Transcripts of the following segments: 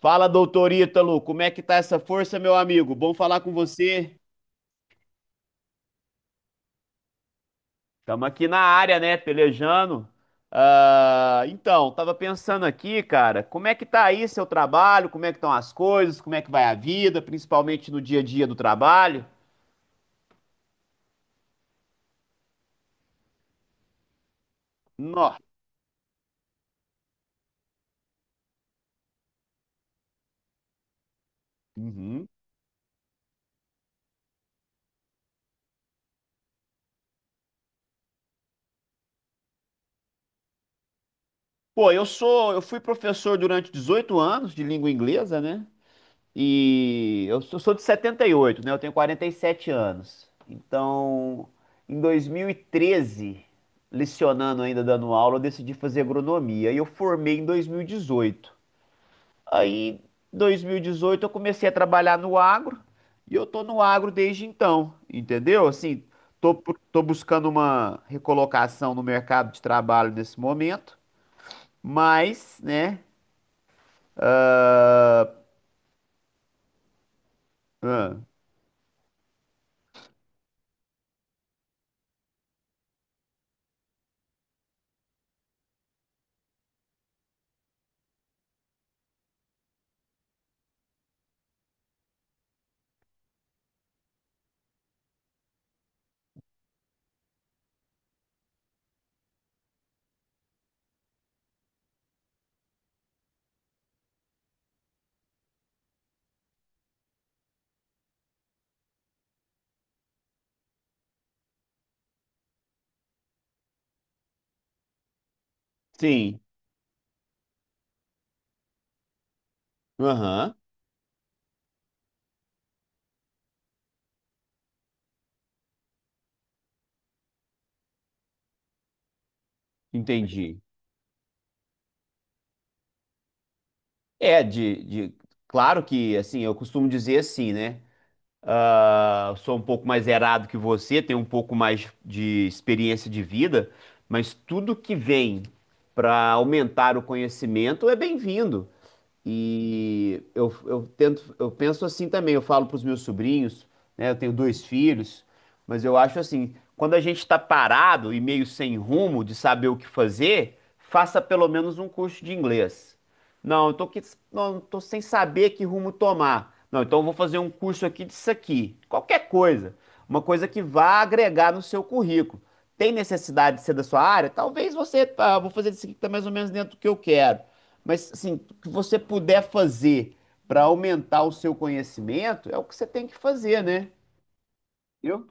Fala, doutor Ítalo, como é que tá essa força, meu amigo? Bom falar com você. Estamos aqui na área, né, pelejando. Ah, então, tava pensando aqui, cara, como é que tá aí seu trabalho? Como é que estão as coisas? Como é que vai a vida, principalmente no dia a dia do trabalho? Nó. Uhum. Pô, eu fui professor durante 18 anos de língua inglesa, né? E eu sou de 78, né? Eu tenho 47 anos. Então, em 2013, lecionando ainda, dando aula, eu decidi fazer agronomia. E eu formei em 2018. Aí, em 2018 eu comecei a trabalhar no agro. E eu tô no agro desde então, entendeu? Assim, tô, tô buscando uma recolocação no mercado de trabalho nesse momento. Mas, né? ah, sim. Aham. Entendi. É. Claro que, assim, eu costumo dizer assim, né? Ah, sou um pouco mais errado que você, tenho um pouco mais de experiência de vida, mas tudo que vem para aumentar o conhecimento é bem-vindo. E eu tento, eu penso assim também, eu falo para os meus sobrinhos, né? Eu tenho dois filhos, mas eu acho assim, quando a gente está parado e meio sem rumo de saber o que fazer, faça pelo menos um curso de inglês. Não, eu tô, que, não, tô sem saber que rumo tomar. Não, então eu vou fazer um curso aqui disso aqui. Qualquer coisa. Uma coisa que vá agregar no seu currículo. Tem necessidade de ser da sua área? Talvez você, tá, vou fazer isso aqui que tá mais ou menos dentro do que eu quero. Mas, assim, o que você puder fazer para aumentar o seu conhecimento é o que você tem que fazer, né? Eu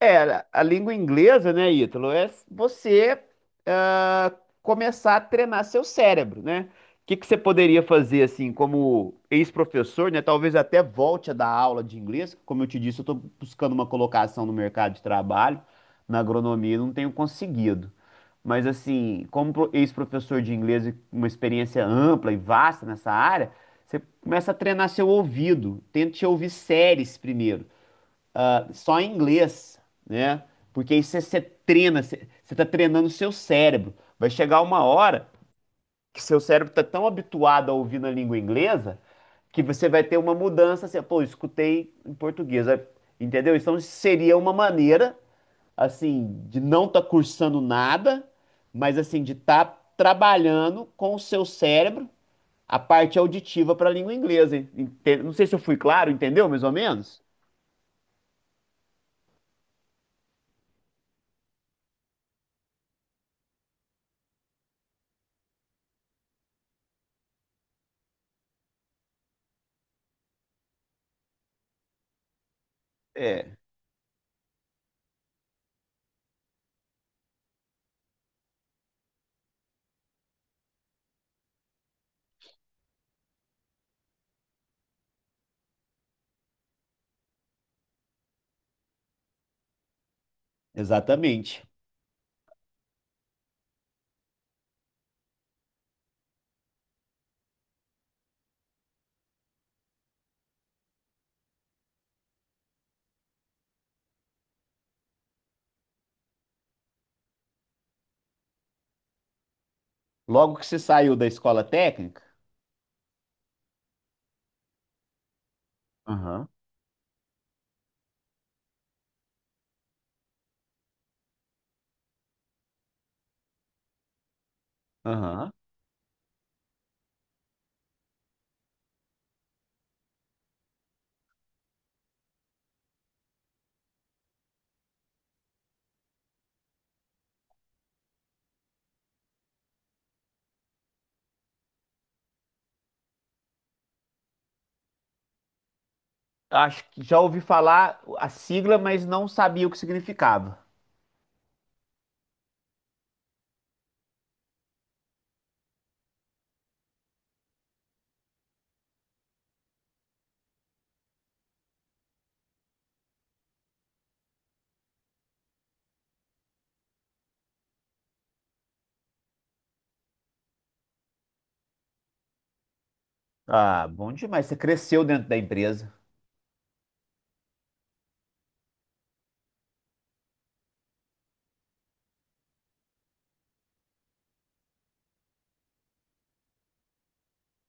É, a língua inglesa, né, Ítalo, é você ah, começar a treinar seu cérebro, né? O que que você poderia fazer, assim, como ex-professor, né? Talvez até volte a dar aula de inglês. Como eu te disse, eu estou buscando uma colocação no mercado de trabalho, na agronomia, e não tenho conseguido. Mas, assim, como ex-professor de inglês, e uma experiência ampla e vasta nessa área, você começa a treinar seu ouvido. Tente ouvir séries primeiro, só em inglês, né? Porque aí você, você treina, você tá treinando o seu cérebro. Vai chegar uma hora que seu cérebro tá tão habituado a ouvir na língua inglesa que você vai ter uma mudança assim, pô, escutei em português, entendeu? Então seria uma maneira, assim, de não estar cursando nada, mas assim, de estar trabalhando com o seu cérebro a parte auditiva para a língua inglesa. Não sei se eu fui claro, entendeu? Mais ou menos? É, exatamente. Logo que você saiu da escola técnica, aham, aham. Acho que já ouvi falar a sigla, mas não sabia o que significava. Ah, bom demais. Você cresceu dentro da empresa.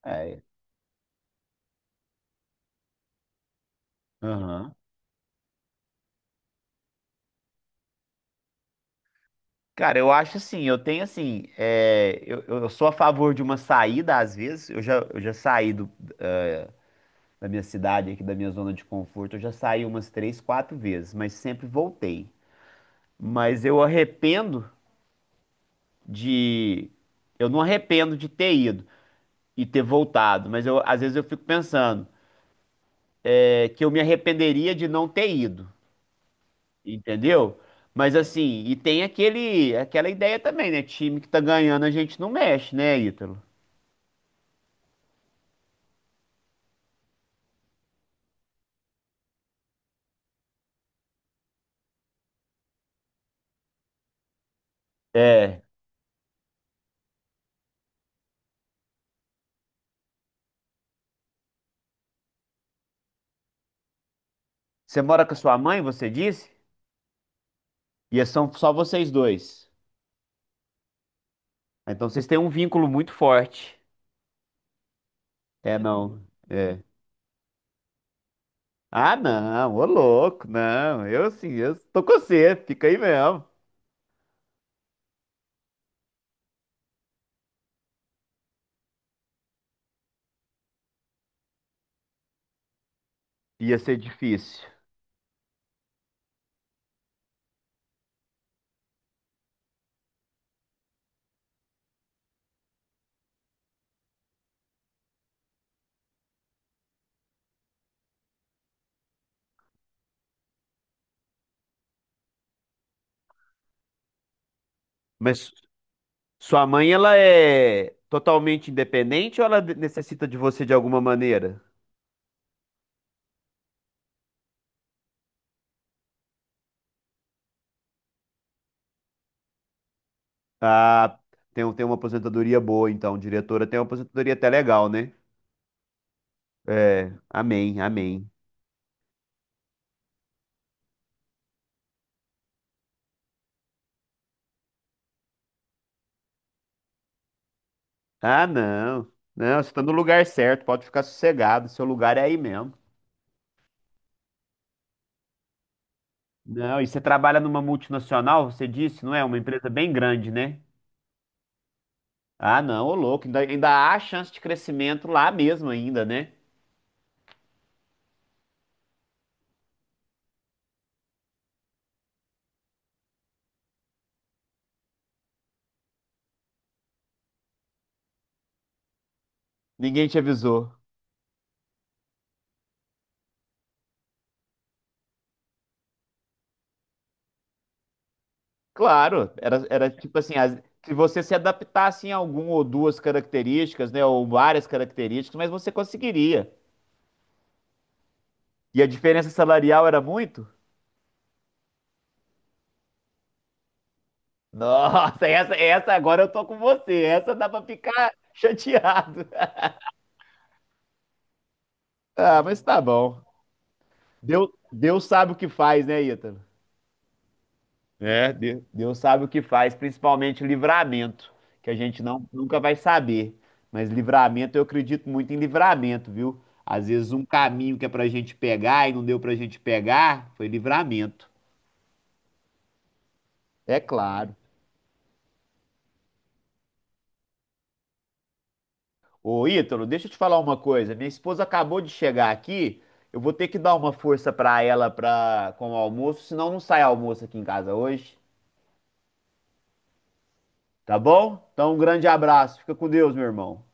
É. Aham. Cara, eu acho assim, eu tenho assim, eu sou a favor de uma saída às vezes, eu já saí da minha cidade aqui, da minha zona de conforto, eu já saí umas três, quatro vezes, mas sempre voltei. Mas de, eu não arrependo de ter ido, e ter voltado. Mas às vezes eu fico pensando que eu me arrependeria de não ter ido, entendeu? Mas assim, e tem aquela ideia também, né? Time que tá ganhando, a gente não mexe, né, Ítalo? É. Você mora com a sua mãe, você disse? E, são só vocês dois. Ah, então vocês têm um vínculo muito forte. É, não. É. Ah, não, ô louco, não. Eu sim, eu tô com você, fica aí mesmo. Ia ser difícil. Mas sua mãe, ela é totalmente independente ou ela necessita de você de alguma maneira? Ah, tem, tem uma aposentadoria boa, então. Diretora tem uma aposentadoria até legal, né? É, amém, amém. Ah, não. Não, você tá no lugar certo, pode ficar sossegado, seu lugar é aí mesmo. Não, e você trabalha numa multinacional, você disse, não é? Uma empresa bem grande, né? Ah, não, ô louco, ainda, ainda há chance de crescimento lá mesmo ainda, né? Ninguém te avisou. Claro, era, era tipo assim, se você se adaptasse em algum ou duas características, né, ou várias características, mas você conseguiria. E a diferença salarial era muito? Nossa, essa agora eu tô com você. Essa dá pra ficar chateado. Ah, mas tá bom. Deus, Deus sabe o que faz, né, Ítalo? Deus sabe o que faz, principalmente livramento, que a gente nunca vai saber. Mas livramento, eu acredito muito em livramento, viu? Às vezes um caminho que é pra gente pegar e não deu pra gente pegar, foi livramento. É claro. Ô, Ítalo, deixa eu te falar uma coisa. Minha esposa acabou de chegar aqui. Eu vou ter que dar uma força pra ela com o almoço, senão não sai almoço aqui em casa hoje. Tá bom? Então, um grande abraço. Fica com Deus, meu irmão.